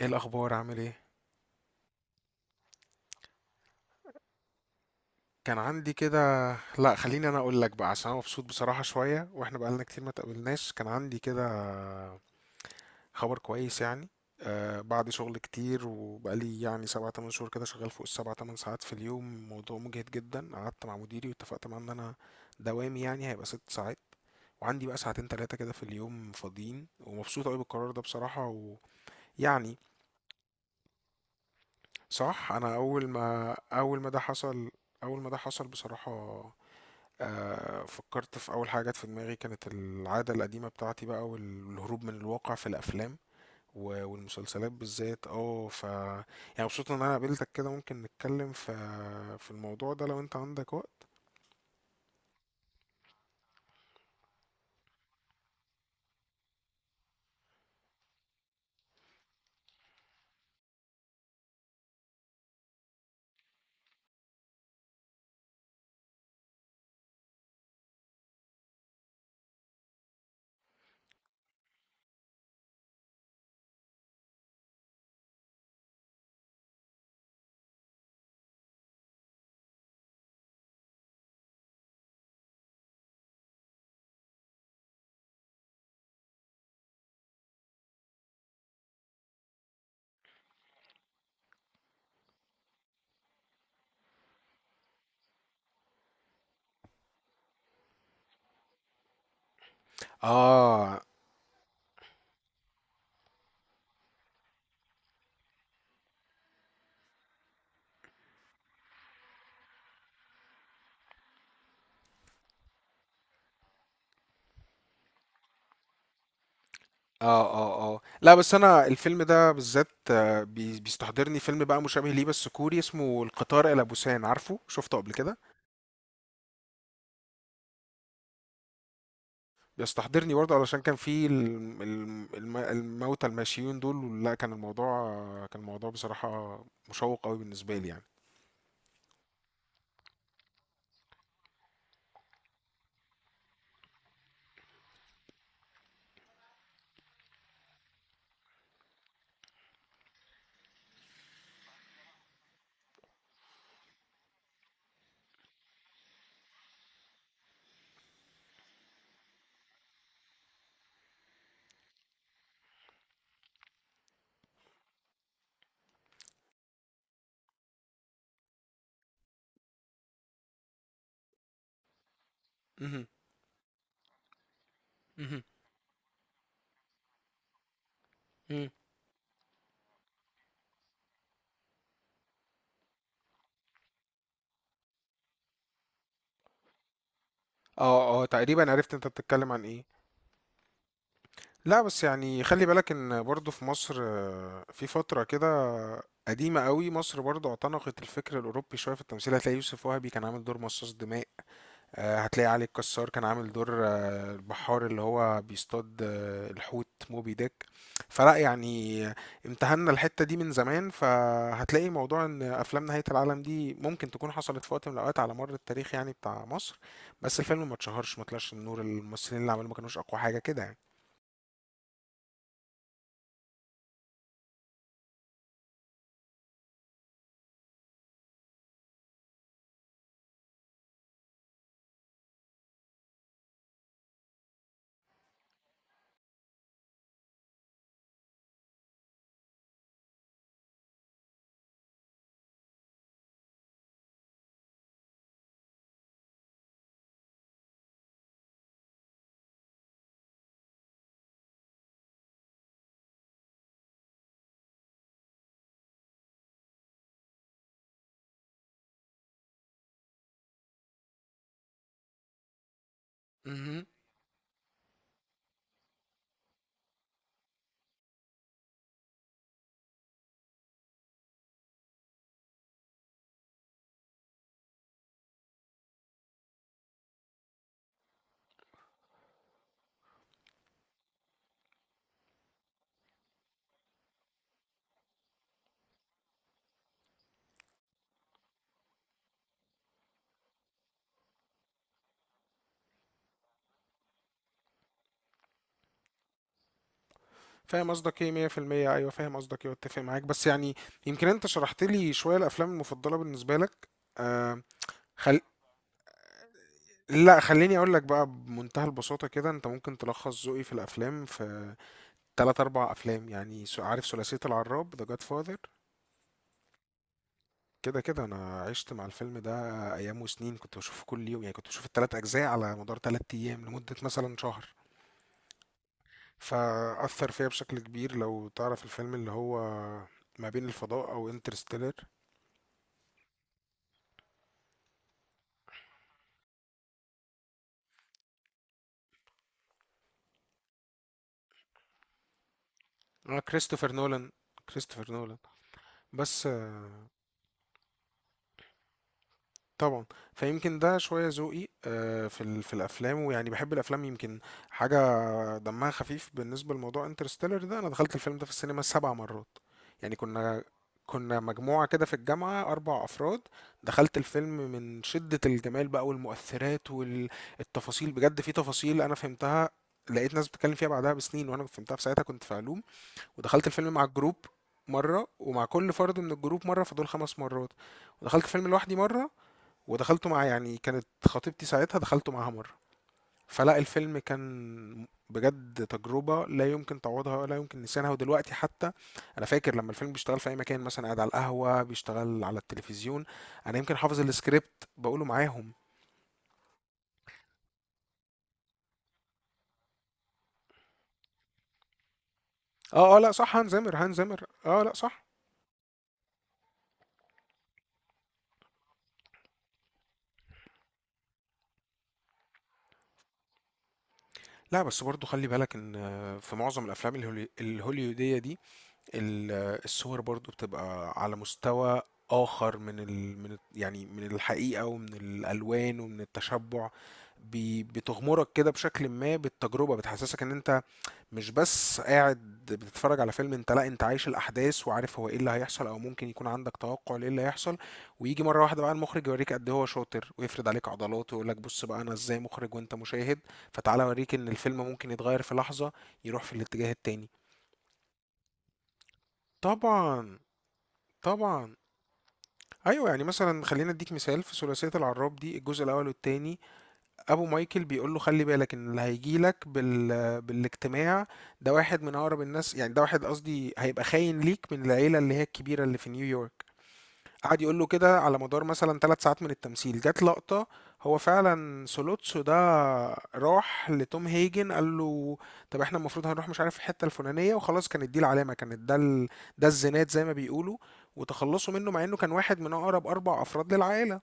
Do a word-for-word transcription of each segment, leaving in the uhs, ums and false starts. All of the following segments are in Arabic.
ايه الاخبار؟ عامل ايه؟ كان عندي كده لا خليني انا اقول لك بقى، عشان انا مبسوط بصراحه شويه، واحنا بقالنا كتير ما تقابلناش. كان عندي كده خبر كويس يعني. آه بعد شغل كتير وبقالي يعني سبعة تمن شهور كده شغال فوق السبعة تمن ساعات في اليوم، موضوع مجهد جدا. قعدت مع مديري واتفقت معاه ان انا دوامي يعني هيبقى ست ساعات، وعندي بقى ساعتين تلاتة كده في اليوم فاضيين، ومبسوط قوي بالقرار ده بصراحة. ويعني صح. انا اول ما اول ما ده حصل، اول ما ده حصل بصراحة، آه فكرت في اول حاجة جت في دماغي، كانت العادة القديمة بتاعتي بقى، والهروب من الواقع في الافلام و- والمسلسلات بالذات. اه ف يعني مبسوط ان انا قابلتك كده، ممكن نتكلم في في الموضوع ده لو انت عندك وقت. اه اه. اه اه. لا بس انا الفيلم ده بالذات، آه، بي- بيستحضرني فيلم بقى مشابه ليه بس كوري، اسمه القطار الى بوسان، عارفه شفته قبل كده؟ بيستحضرني برضه، علشان كان في الم- الم- الم- الموتى الماشيين دول. لا كان الموضوع، كان الموضوع بصراحة مشوق قوي بالنسبة لي يعني. مهم. مهم. مهم. اه اه، تقريبا عرفت انت بتتكلم عن ايه. لا بس يعني خلي بالك ان برضه في مصر، آه، في فترة كده قديمة قوي، مصر برضه اعتنقت الفكر الأوروبي شوية في التمثيل. هتلاقي يوسف وهبي كان عامل دور مصاص دماء، آه، هتلاقي علي الكسار كان عامل دور آه، البحار اللي هو بيصطاد، آه، الحوت موبي ديك. فلا يعني امتهنا الحتة دي من زمان، فهتلاقي موضوع ان افلام نهاية العالم دي ممكن تكون حصلت في وقت من الاوقات على مر التاريخ يعني، بتاع مصر. بس الفيلم ما اتشهرش، ما طلعش النور، الممثلين اللي عملوه ما كانوش اقوى حاجة كده يعني. مهم. فاهم قصدك ايه مية بالمية. ايوه فاهم قصدك ايه واتفق معاك، بس يعني يمكن انت شرحت لي شوية الافلام المفضلة بالنسبة لك. آه، خل... لا خليني اقول لك بقى، بمنتهى البساطة كده، انت ممكن تلخص ذوقي في الافلام في تلات اربع افلام يعني. سو- عارف ثلاثية العراب، The Godfather؟ كده كده انا عشت مع الفيلم ده ايام وسنين، كنت بشوفه كل يوم يعني، كنت بشوف التلات اجزاء على مدار تلات ايام لمدة مثلا شهر، فأثر فيا بشكل كبير. لو تعرف الفيلم اللي هو ما بين الفضاء او انترستيلر، كريستوفر نولان، كريستوفر نولان بس. طبعًا، فيمكن ده شوية ذوقي آآ في ال في الأفلام، ويعني باحب الأفلام يمكن حاجة دمها خفيف. بالنسبة لموضوع Interstellar ده، أنا دخلت الفيلم ده في السينما سبع مرات، يعني كنا كنا مجموعة كده في الجامعة اربع أفراد. دخلت الفيلم من شدة الجمال بقى والمؤثرات وال التفاصيل، بجد في تفاصيل أنا فهمتها، لقيت ناس بتتكلم فيها بعدها بسنين، وأنا فهمتها في ساعتها، كنت في علوم. ودخلت الفيلم مع الجروب مرة، ومع كل فرد من الجروب مرة، فدول خمس مرات، ودخلت الفيلم لوحدي مرة، ودخلته مع، يعني كانت خطيبتي ساعتها، دخلته معاها مرة. فلا الفيلم كان بجد تجربة لا يمكن تعوضها ولا يمكن نسيانها، ودلوقتي حتى أنا فاكر لما الفيلم بيشتغل في أي مكان، مثلا قاعد على القهوة بيشتغل على التلفزيون، أنا يمكن حافظ السكريبت بقوله معاهم. اه اه لا صح، هانز زمر هانز زمر، اه لا صح. لا بس برضو خلي بالك ان في معظم الافلام الهولي- الهوليودية دي، ال- الصور برضو بتبقى على مستوى آخر من ال... من ال- يعني من الحقيقة ومن الألوان ومن التشبع. بي... بتغمرك كده بشكل ما بالتجربة، بتحسسك إن أنت مش بس قاعد بتتفرج على فيلم، أنت لا، أنت عايش الأحداث وعارف هو إيه اللي هيحصل، أو ممكن يكون عندك توقع لإيه اللي هيحصل. ويجي مرة واحدة بقى المخرج يوريك قد إيه هو شاطر، ويفرد عليك عضلاته ويقول لك بص بقى أنا إزاي مخرج وأنت مشاهد، فتعالى أوريك إن الفيلم ممكن يتغير في لحظة، يروح في الاتجاه التاني. طبعا. طبعا. ايوه، يعني مثلا خلينا اديك مثال في ثلاثيه العراب دي، الجزء الاول والتاني. ابو مايكل بيقول له خلي بالك ان اللي هيجي لك بال... بالاجتماع ده واحد من اقرب الناس، يعني ده واحد قصدي هيبقى خاين ليك من العيله اللي هي الكبيره اللي في نيويورك. قعد يقول له كده على مدار مثلا ثلاث ساعات من التمثيل، جت لقطة، هو فعلا سولوتسو ده راح لتوم هيجن قال له طب احنا المفروض هنروح مش عارف الحتة الفلانية، وخلاص كانت دي العلامة، كانت ده ال... ده الزناد زي ما بيقولوا، وتخلصوا منه، مع انه كان واحد من اقرب اربع افراد للعائلة.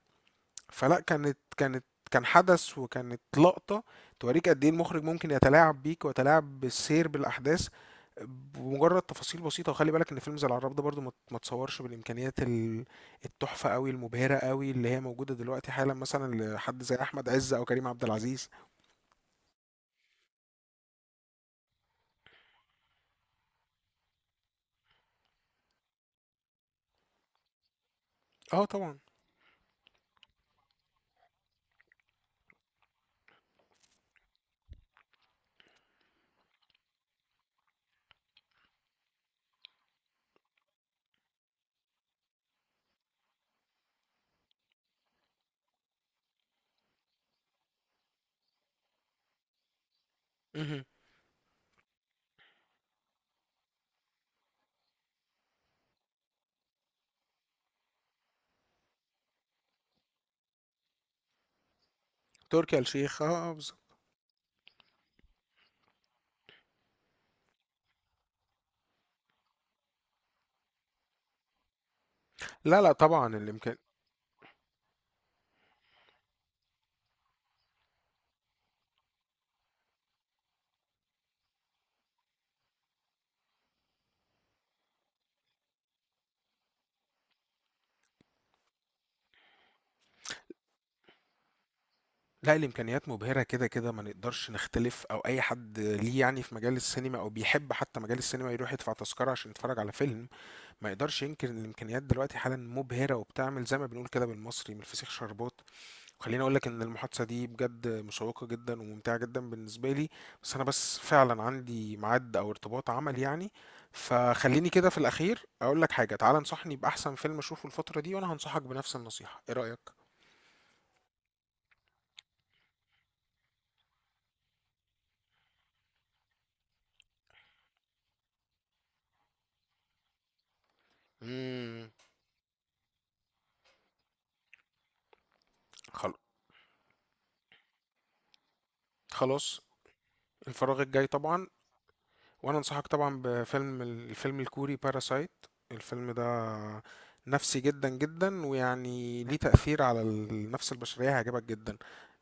فلا كانت كانت، كان حدث وكانت لقطة توريك قد ايه المخرج ممكن يتلاعب بيك ويتلاعب بالسير بالأحداث بمجرد تفاصيل بسيطة. وخلي بالك ان فيلم زي العراب ده برضو ما ت- ما اتصورش بالإمكانيات ال- التحفة قوي، المبهرة قوي اللي هي موجودة دلوقتي حالا، مثلا لحد زي أحمد عز أو كريم عبد العزيز. اه طبعا. مهم. تركي آل الشيخ، اه، آه، بالظبط. لا لا طبعا الإمكانيات. لأ، الإمكانيات مبهرة كده، كده ما نقدرش نختلف، أو أي حد ليه يعني في مجال السينما أو بيحب حتى مجال السينما يروح يدفع تذكرة عشان يتفرج على فيلم، ما يقدرش ينكر إن الإمكانيات دلوقتي حالًا مبهرة، وبتعمل زي ما بنقول كده بالمصري من الفسيخ شربات. وخلّيني أقول لك إن المحادثة دي بجد مشوقة جدًا وممتعة جدًا بالنسبة لي، بس أنا بس فعلًا عندي ميعاد أو ارتباط عمل يعني، فخلّيني كده في الأخير أقول لك حاجة، تعالَ انصحني بأحسن فيلم أشوفه الفترة دي، وأنا هانصحك بنفس النصيحة، إيه رأيك؟ إمم، خل خلاص. الفراغ الجاي طبعا. وانا انصحك طبعا بفيلم، الفيلم الكوري باراسايت. الفيلم ده نفسي جدا جدا، ويعني ليه تأثير على النفس البشرية، هيعجبك جدا.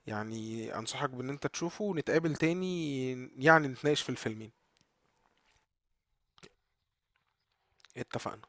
يعني انصحك بان انت تشوفه ونتقابل تاني، يعني نتناقش في الفيلمين. اتفقنا.